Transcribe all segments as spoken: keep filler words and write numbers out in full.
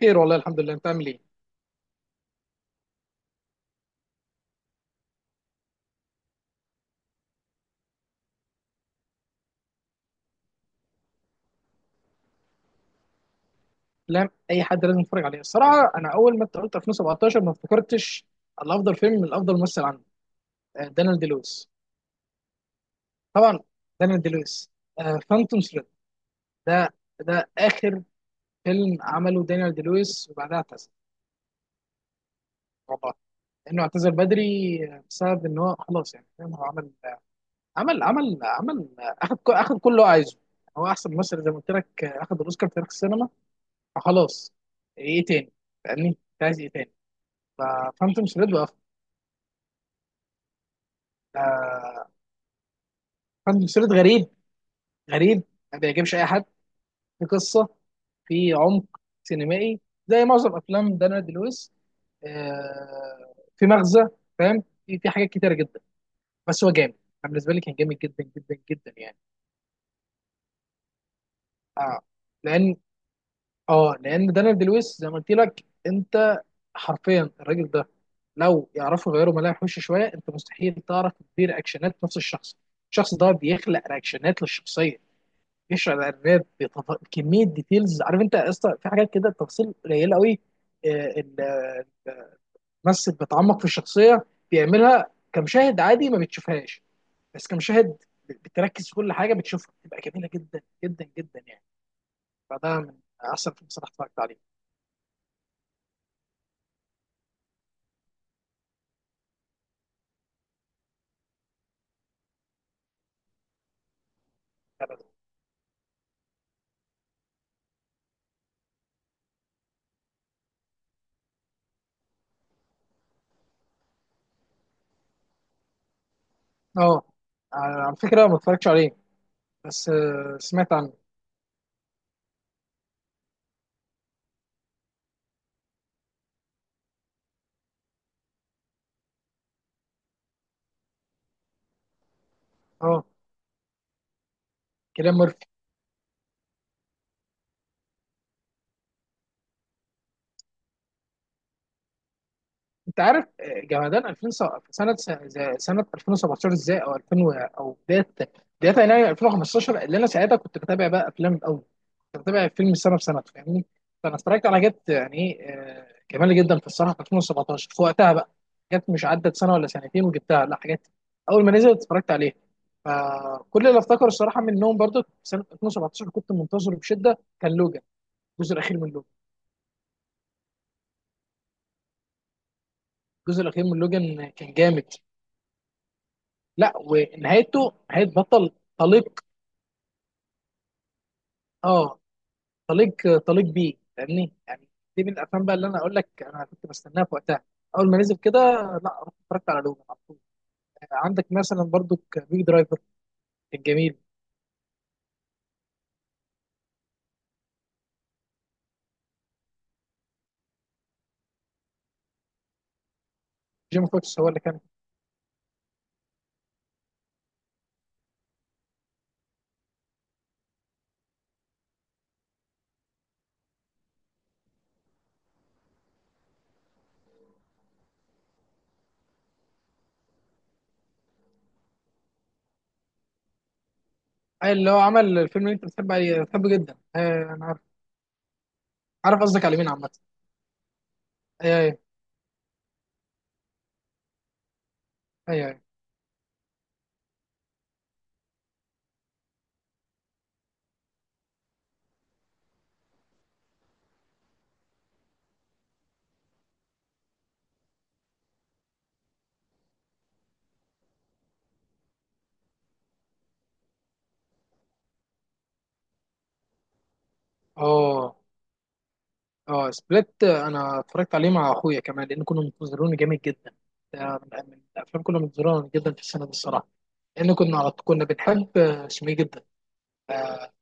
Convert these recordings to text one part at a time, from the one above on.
خير والله الحمد لله، انت عامل ايه؟ افلام اي حد لازم يتفرج عليها. الصراحه انا اول ما انت قلت ألفين وسبعتاشر ما افتكرتش الافضل فيلم من الافضل ممثل عنه. آه، دانيال دي لويس. طبعا. دانيال دي لويس فانتوم ثريد. ده ده اخر فيلم عمله دانيال دي لويس وبعدها اعتزل. والله انه اعتزل بدري. آه، بسبب ان هو خلاص، يعني فاهم. هو عمل آه، عمل عمل عمل آه، اخد ك- اخد كل اللي هو عايزه. هو احسن ممثل زي ما قلت لك، آه، اخد الاوسكار في تاريخ السينما. فخلاص. ايه تاني؟ فاهمني؟ انت عايز ايه تاني؟ ففانتوم ثريد بقى. آه فانتوم ثريد غريب. غريب. ما بيعجبش اي حد. في قصه، في عمق سينمائي زي معظم افلام دانا دي لويس. آه في مغزى، فاهم. في في حاجات كتيره جدا، بس هو جامد. انا بالنسبه لي كان جامد جدا جدا جدا يعني. اه لان اه لان دانا دي لويس زي ما قلت لك انت، حرفيا الراجل ده لو يعرفوا يغيروا ملامح وشه شويه، انت مستحيل تعرف تدير رياكشنات نفس الشخص. الشخص ده بيخلق رياكشنات للشخصيه، بيشرح الراب بتف... كميه ديتيلز، عارف انت يا اسطى في حاجات كده تفاصيل قليله قوي. آه، ال- الممثل بيتعمق في الشخصيه، بيعملها كمشاهد عادي ما بتشوفهاش. بس كمشاهد بتركز في كل حاجه بتشوفها بتبقى جميله جدا جدا جدا يعني. فده من احسن فيلم صراحه اتفرجت عليه. اه على فكره ما اتفرجتش عليه، بس آه، سمعت عنه. اه كلام. انت عارف آه، جمادان ألفين س- سنه س- ز- سنه ألفين وسبعتاشر ازاي، او ألفين و- او بدايه بدايه يناير ألفين وخمستاشر اللي انا ساعتها كنت بتابع بقى افلام. الاول كنت بتابع فيلم سنه بسنه، فاهمني. فانا اتفرجت على جت، يعني ايه، آه، جمال جدا في الصراحه في ألفين وسبعتاشر في وقتها بقى. جت مش عدت سنه ولا سنتين وجبتها، لا، حاجات اول ما نزلت اتفرجت عليها. فكل اللي افتكره الصراحه منهم برضو في سنه ألفين وسبعة عشر كنت منتظره بشده كان لوجان، الجزء الاخير من لوجان. الجزء الاخير من لوجان كان جامد. لا ونهايته نهايه بطل طليق اه طليق طليق بيه، فاهمني يعني. دي من الافلام بقى اللي انا اقول لك انا كنت بستناها في وقتها. اول ما نزل كده لا رحت اتفرجت على لوجان على طول. آه، عندك مثلا برضو بيج درايفر، كان جميل. جيم فوكس هو اللي كان آه، اللي هو عمل الفيلم اللي انت بتحب عليه، بتحبه جدا. آه، انا عارف. عارف قصدك على مين عامه. آه، ايوه ايوه ايوه، أي. اه اه سبليت. آه، انا اتفرجت عليه مع اخويا كمان لان كنا منتظرونه جامد جدا. ده من من الافلام كنا منتظرونه جدا في السنه دي الصراحه. لان كنا كنا بنحب آه، اسمه ايه جدا. آه،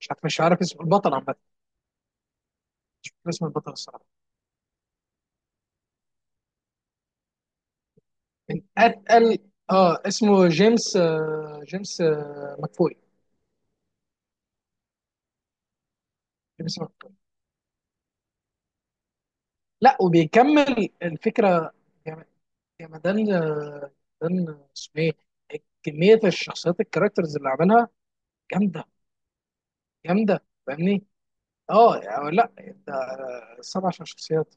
مش عارف مش عارف اسم البطل، عامه مش فاكر اسم البطل الصراحه. من اتقل. اه اسمه جيمس، آه، جيمس آه، مكفوي. جيمس مكفوي. لا وبيكمل الفكره. يا يا مدام آه، مدام اسمه ايه. كميه الشخصيات، الكاركترز اللي عملها جامده جامده، فاهمني. اه يعني، لا انت، آه، سبع شخصيات.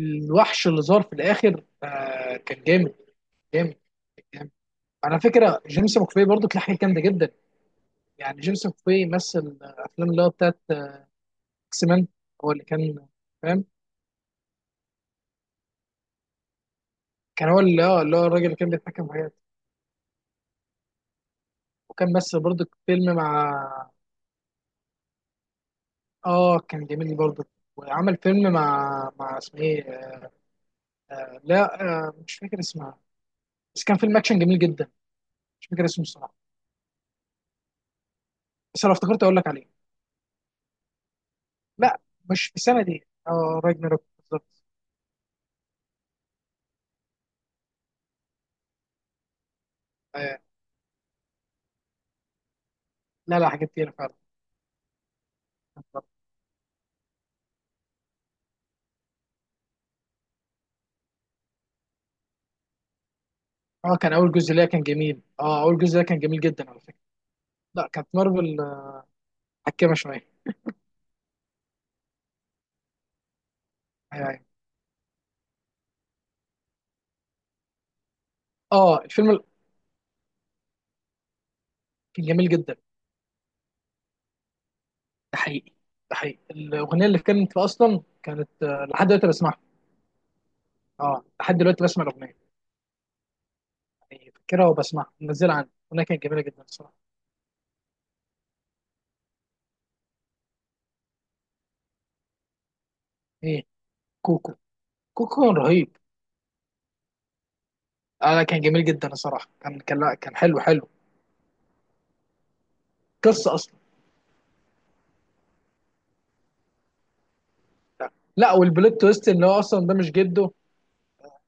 الوحش اللي ظهر في الاخر آه، كان جامد جامد. على فكره جيمس مكفي برضه كان حاجه جامده جدا. يعني جيمس مكفي مثل افلام اللي هو بتاعت اكس مان. هو اللي كان، فاهم. كان هو اللي هو اللي هو الراجل اللي كان بيتحكم في حياته. وكان مثل برضه فيلم مع، اه، كان جميل برضه. وعمل فيلم مع مع اسمه ايه. آه لا، آه مش فاكر اسمها، بس كان فيلم اكشن جميل جدا. مش فاكر اسمه الصراحه، بس لو افتكرت اقول لك عليه. لا مش في السنه دي، اه، راجناروك بالظبط. آه لا، لا، حاجات كتير فعلا. اه كان اول جزء ليا كان جميل. اه اول جزء ليا كان جميل جدا على فكرة. لا كانت مارفل حكامه شويه. ايوه ايوه. اه الفيلم كان جميل جدا. ده حقيقي. ده حقيقي، الاغنيه اللي كانت فيه اصلا كانت، آه، لحد دلوقتي بسمعها. اه لحد دلوقتي بسمع الاغنيه، يعني فاكرها وبسمعها منزلها عندي. الاغنيه كانت جميله جدا الصراحه. ايه؟ كوكو. كوكو كان رهيب. آه كان جميل جدا الصراحه. كان كان لا كان حلو حلو. قصه اصلا. لا، لا، والبلوت تويست ان هو اصلا ده مش جده.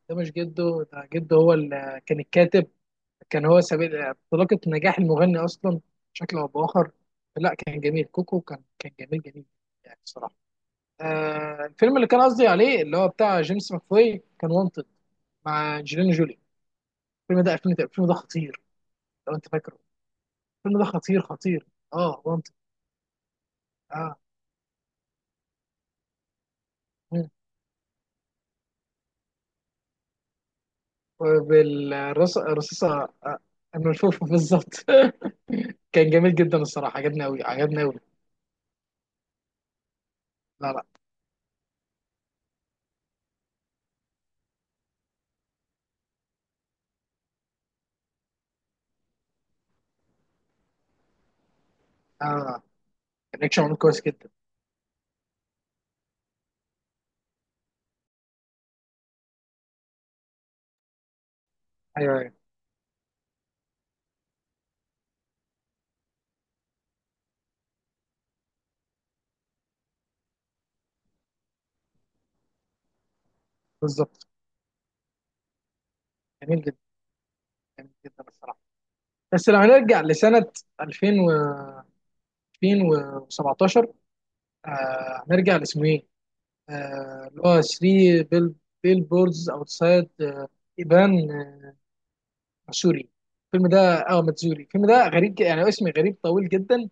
ده مش جده. ده جده هو اللي كان الكاتب. كان هو سبيل انطلاقة نجاح المغني أصلا، بشكل أو بآخر. لا كان جميل، كوكو كان كان جميل جميل يعني الصراحة. آه الفيلم اللي كان قصدي عليه اللي هو بتاع جيمس ماكفوي كان وانتد مع أنجلينا جولي. الفيلم ده ألفين، الفيلم ده خطير. لو أنت فاكره. الفيلم ده خطير خطير. أه، وانتد. أه بالرصاصة، آه الملفوفة بالظبط. كان جميل جدا الصراحة، عجبني أوي عجبني أوي. لا لا، آه كان أكشن عمل كويس جدا. أيوه أيوه بالظبط. جميل جدا، جميل جدا الصراحة. بس لو هنرجع لسنة ألفين و ألفين وسبعتاشر. آه هنرجع لاسمه ايه؟ آه اللي هو ثري بيل بيل بوردز اوتسايد ايبان، آه، ماسوري، الفيلم ده. اه ماتزوري، الفيلم ده غريب، ج- يعني اسم غريب طويل جدا.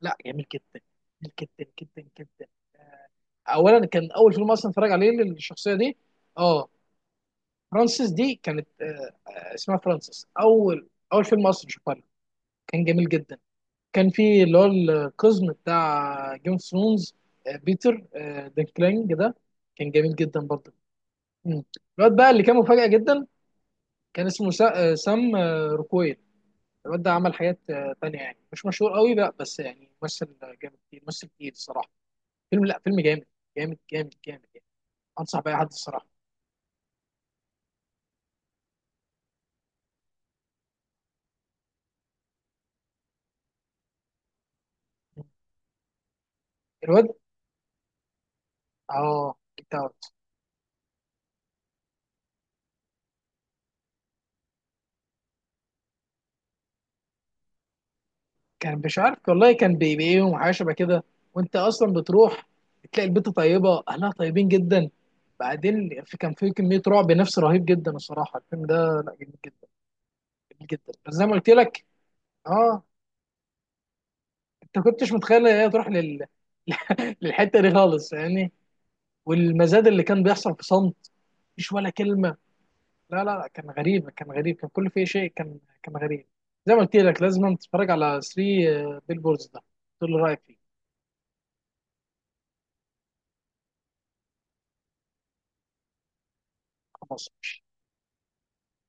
لا جميل جدا، جميل جدا جدا جدا. اولا كان اول فيلم اصلا اتفرج عليه للشخصية دي. اه فرانسيس دي كانت، آه آه، اسمها فرانسيس. اول اول فيلم اصلا شفتها له. كان جميل جدا. كان في اللي هو القزم بتاع جيم اوف ثرونز، بيتر آه، دينكلينج ده. كان جميل جدا برضه. مم. الواد بقى اللي كان مفاجأة جدا كان اسمه سا- آه، سام آه، روكويل. الواد ده عمل حاجات آه، تانية، يعني مش مشهور قوي بقى بس يعني ممثل جامد كتير، ممثل كتير الصراحة. فيلم، لا فيلم جامد جامد جامد جامد يعني. أنصح بأي حد الصراحة. مم. الواد، اه انت كان مش عارف والله، كان بيبيعيهم وحاجه شبه كده. وانت اصلا بتروح تلاقي البيت طيبه، اهلها طيبين جدا. بعدين في كان في كميه رعب نفسي رهيب جدا الصراحه الفيلم ده، لا جميل جدا. جميل جدا بس زي ما قلت لك، اه انت كنتش متخيل ان هي تروح لل... للحته دي خالص يعني. والمزاد اللي كان بيحصل في صمت، مفيش ولا كلمه. لا، لا، كان غريب، كان غريب، كان كل فيه شيء كان كان غريب. زي ما قلت لك لازم تتفرج على ثري بيل بوردز ده، تقول لي رايك فيه. خلاص